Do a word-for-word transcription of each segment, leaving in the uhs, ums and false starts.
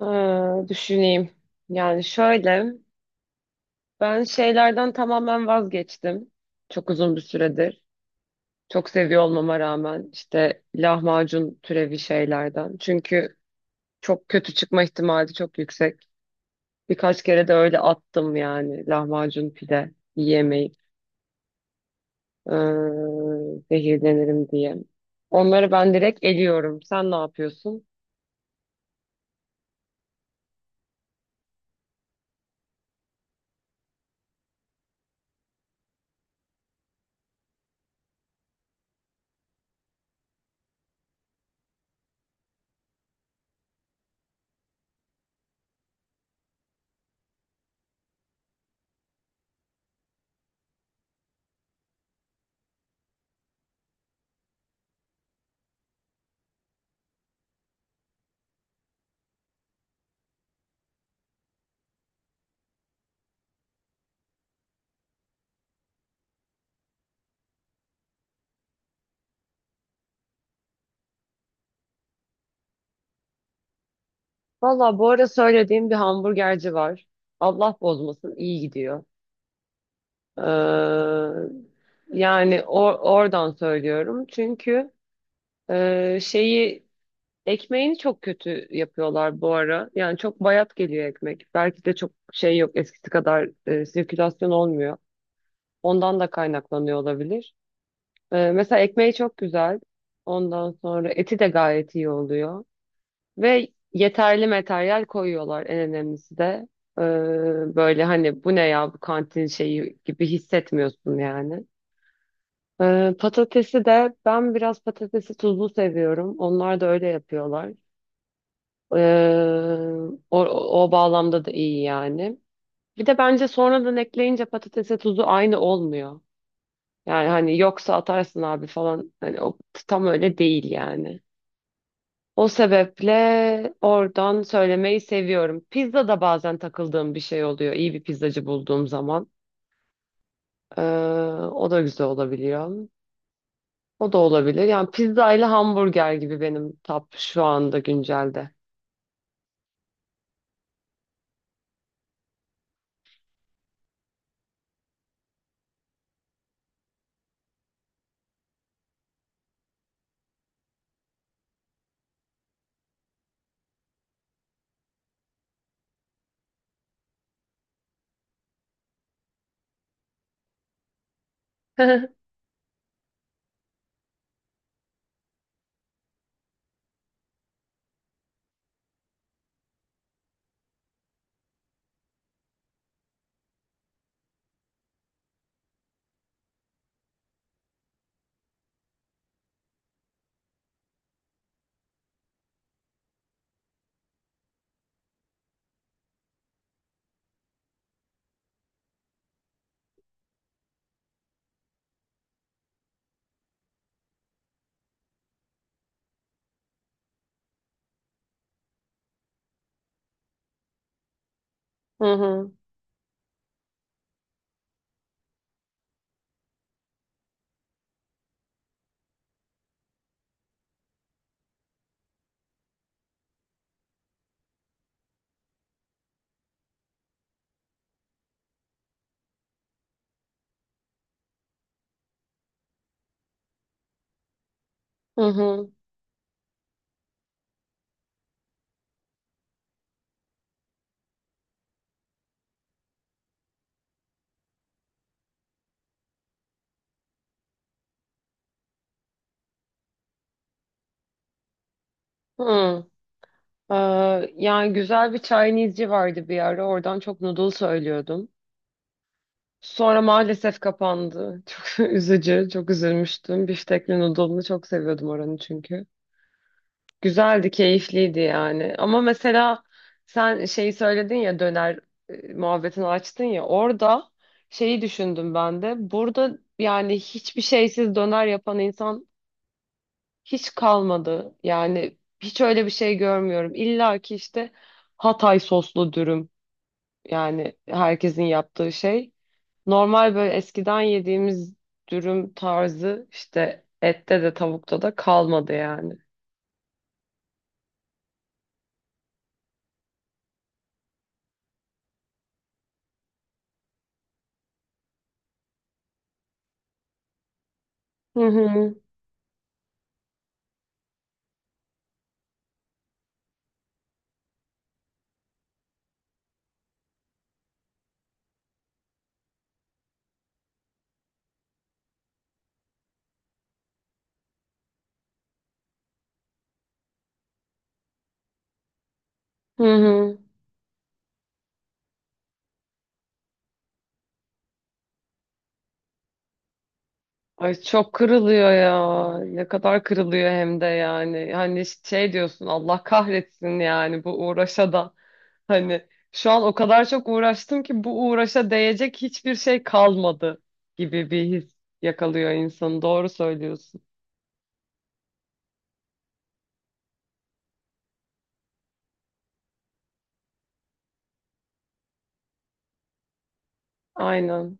Ha, düşüneyim. Yani şöyle, ben şeylerden tamamen vazgeçtim. Çok uzun bir süredir. Çok seviyor olmama rağmen işte lahmacun türevi şeylerden. Çünkü çok kötü çıkma ihtimali çok yüksek. Birkaç kere de öyle attım yani lahmacun pide yiyemeyip ee, zehirlenirim diye. Onları ben direkt eliyorum. Sen ne yapıyorsun? Valla bu ara söylediğim bir hamburgerci var. Allah bozmasın iyi gidiyor. Ee, Yani or- oradan söylüyorum. Çünkü e, şeyi ekmeğini çok kötü yapıyorlar bu ara. Yani çok bayat geliyor ekmek. Belki de çok şey yok eskisi kadar e, sirkülasyon olmuyor. Ondan da kaynaklanıyor olabilir. Ee, mesela ekmeği çok güzel. Ondan sonra eti de gayet iyi oluyor. Ve yeterli materyal koyuyorlar en önemlisi de. Ee, böyle hani bu ne ya bu kantin şeyi gibi hissetmiyorsun yani. Ee, patatesi de ben biraz patatesi tuzlu seviyorum. Onlar da öyle yapıyorlar. Ee, o, o bağlamda da iyi yani. Bir de bence sonradan ekleyince patatese tuzu aynı olmuyor. Yani hani yoksa atarsın abi falan. Hani o tam öyle değil yani. O sebeple oradan söylemeyi seviyorum. Pizza da bazen takıldığım bir şey oluyor. İyi bir pizzacı bulduğum zaman. Ee, o da güzel olabiliyor. O da olabilir. Yani pizza ile hamburger gibi benim top şu anda güncelde. Hı hı. Hı hı. Hı. Ee, yani güzel bir Chinese'ci vardı bir ara. Oradan çok noodle söylüyordum. Sonra maalesef kapandı. Çok üzücü, çok üzülmüştüm. Biftekli noodle'ını çok seviyordum oranı çünkü. Güzeldi, keyifliydi yani. Ama mesela sen şeyi söyledin ya döner e, muhabbetini açtın ya orada şeyi düşündüm ben de. Burada yani hiçbir şeysiz döner yapan insan hiç kalmadı. Yani hiç öyle bir şey görmüyorum. İlla ki işte Hatay soslu dürüm yani herkesin yaptığı şey. Normal böyle eskiden yediğimiz dürüm tarzı işte ette de tavukta da kalmadı yani. Hı hı. Hı hı. Ay çok kırılıyor ya. Ne kadar kırılıyor hem de yani. Hani şey diyorsun Allah kahretsin yani bu uğraşa da. Hani şu an o kadar çok uğraştım ki bu uğraşa değecek hiçbir şey kalmadı gibi bir his yakalıyor insanı. Doğru söylüyorsun. Aynen.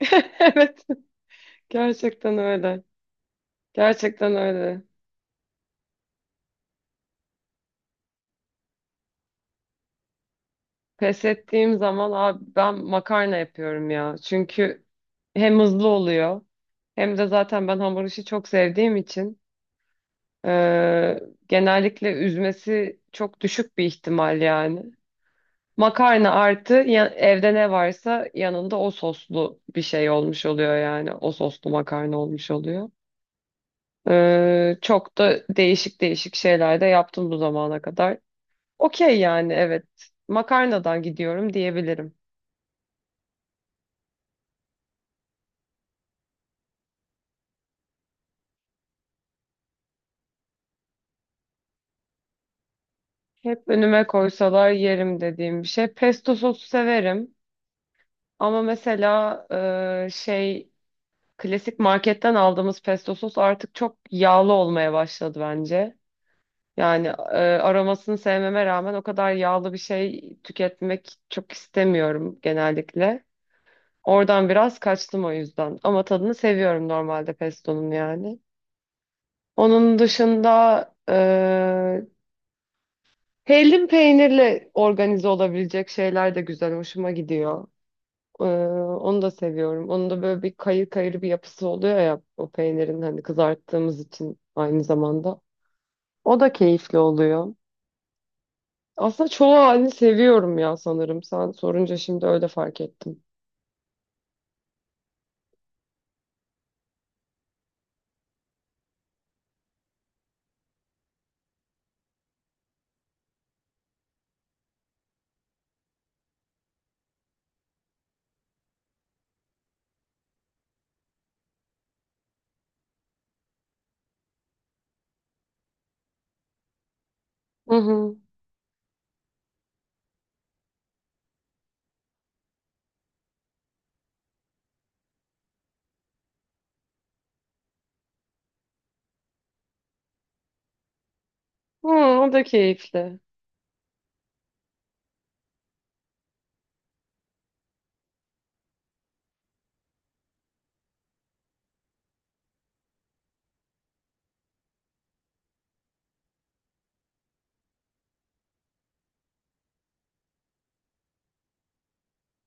Evet, gerçekten öyle. Gerçekten öyle. Pes ettiğim zaman abi ben makarna yapıyorum ya. Çünkü hem hızlı oluyor hem de zaten ben hamur işi çok sevdiğim için eee, genellikle üzmesi çok düşük bir ihtimal yani. Makarna artı ya- evde ne varsa yanında o soslu bir şey olmuş oluyor yani. O soslu makarna olmuş oluyor. Ee, çok da değişik değişik şeyler de yaptım bu zamana kadar. Okey yani evet. Makarnadan gidiyorum diyebilirim. Hep önüme koysalar yerim dediğim bir şey. Pesto sosu severim. Ama mesela e, şey klasik marketten aldığımız pesto sos artık çok yağlı olmaya başladı bence. Yani e, aromasını sevmeme rağmen o kadar yağlı bir şey tüketmek çok istemiyorum genellikle. Oradan biraz kaçtım o yüzden. Ama tadını seviyorum normalde pestonun yani. Onun dışında e, hellim peynirle organize olabilecek şeyler de güzel, hoşuma gidiyor. E, onu da seviyorum. Onun da böyle bir kayır kayır bir yapısı oluyor ya o peynirin hani kızarttığımız için aynı zamanda. O da keyifli oluyor. Aslında çoğu halini seviyorum ya sanırım. Sen sorunca şimdi öyle fark ettim. Hı hı. Hı, o da keyifli.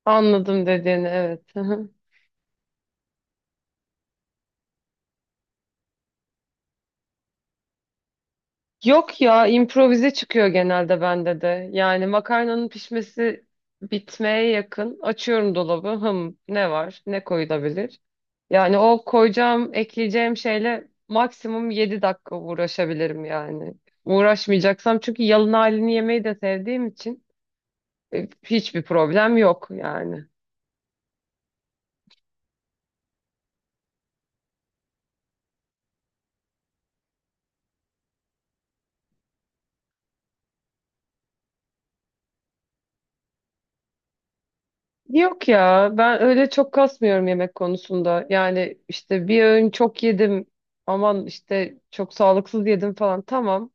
Anladım dediğini evet. Hı hı. Yok ya improvize çıkıyor genelde bende de. Yani makarnanın pişmesi bitmeye yakın. Açıyorum dolabı. Hım ne var? Ne koyulabilir? Yani o koyacağım, ekleyeceğim şeyle maksimum yedi dakika uğraşabilirim yani. Uğraşmayacaksam çünkü yalın halini yemeyi de sevdiğim için. E, Hiçbir problem yok yani. Yok ya ben öyle çok kasmıyorum yemek konusunda. Yani işte bir öğün çok yedim aman işte çok sağlıksız yedim falan tamam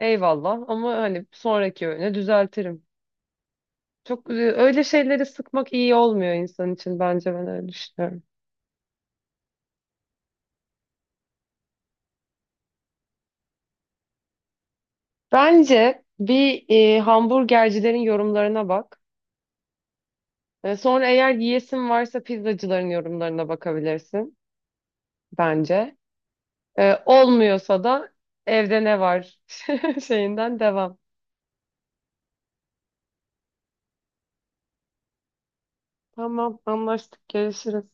eyvallah ama hani sonraki öğüne düzeltirim. Çok e, öyle şeyleri sıkmak iyi olmuyor insan için bence ben öyle düşünüyorum. Bence bir e, hamburgercilerin yorumlarına bak. E, sonra eğer yiyesin varsa pizzacıların yorumlarına bakabilirsin bence. E, olmuyorsa da evde ne var şeyinden devam. Tamam anlaştık görüşürüz.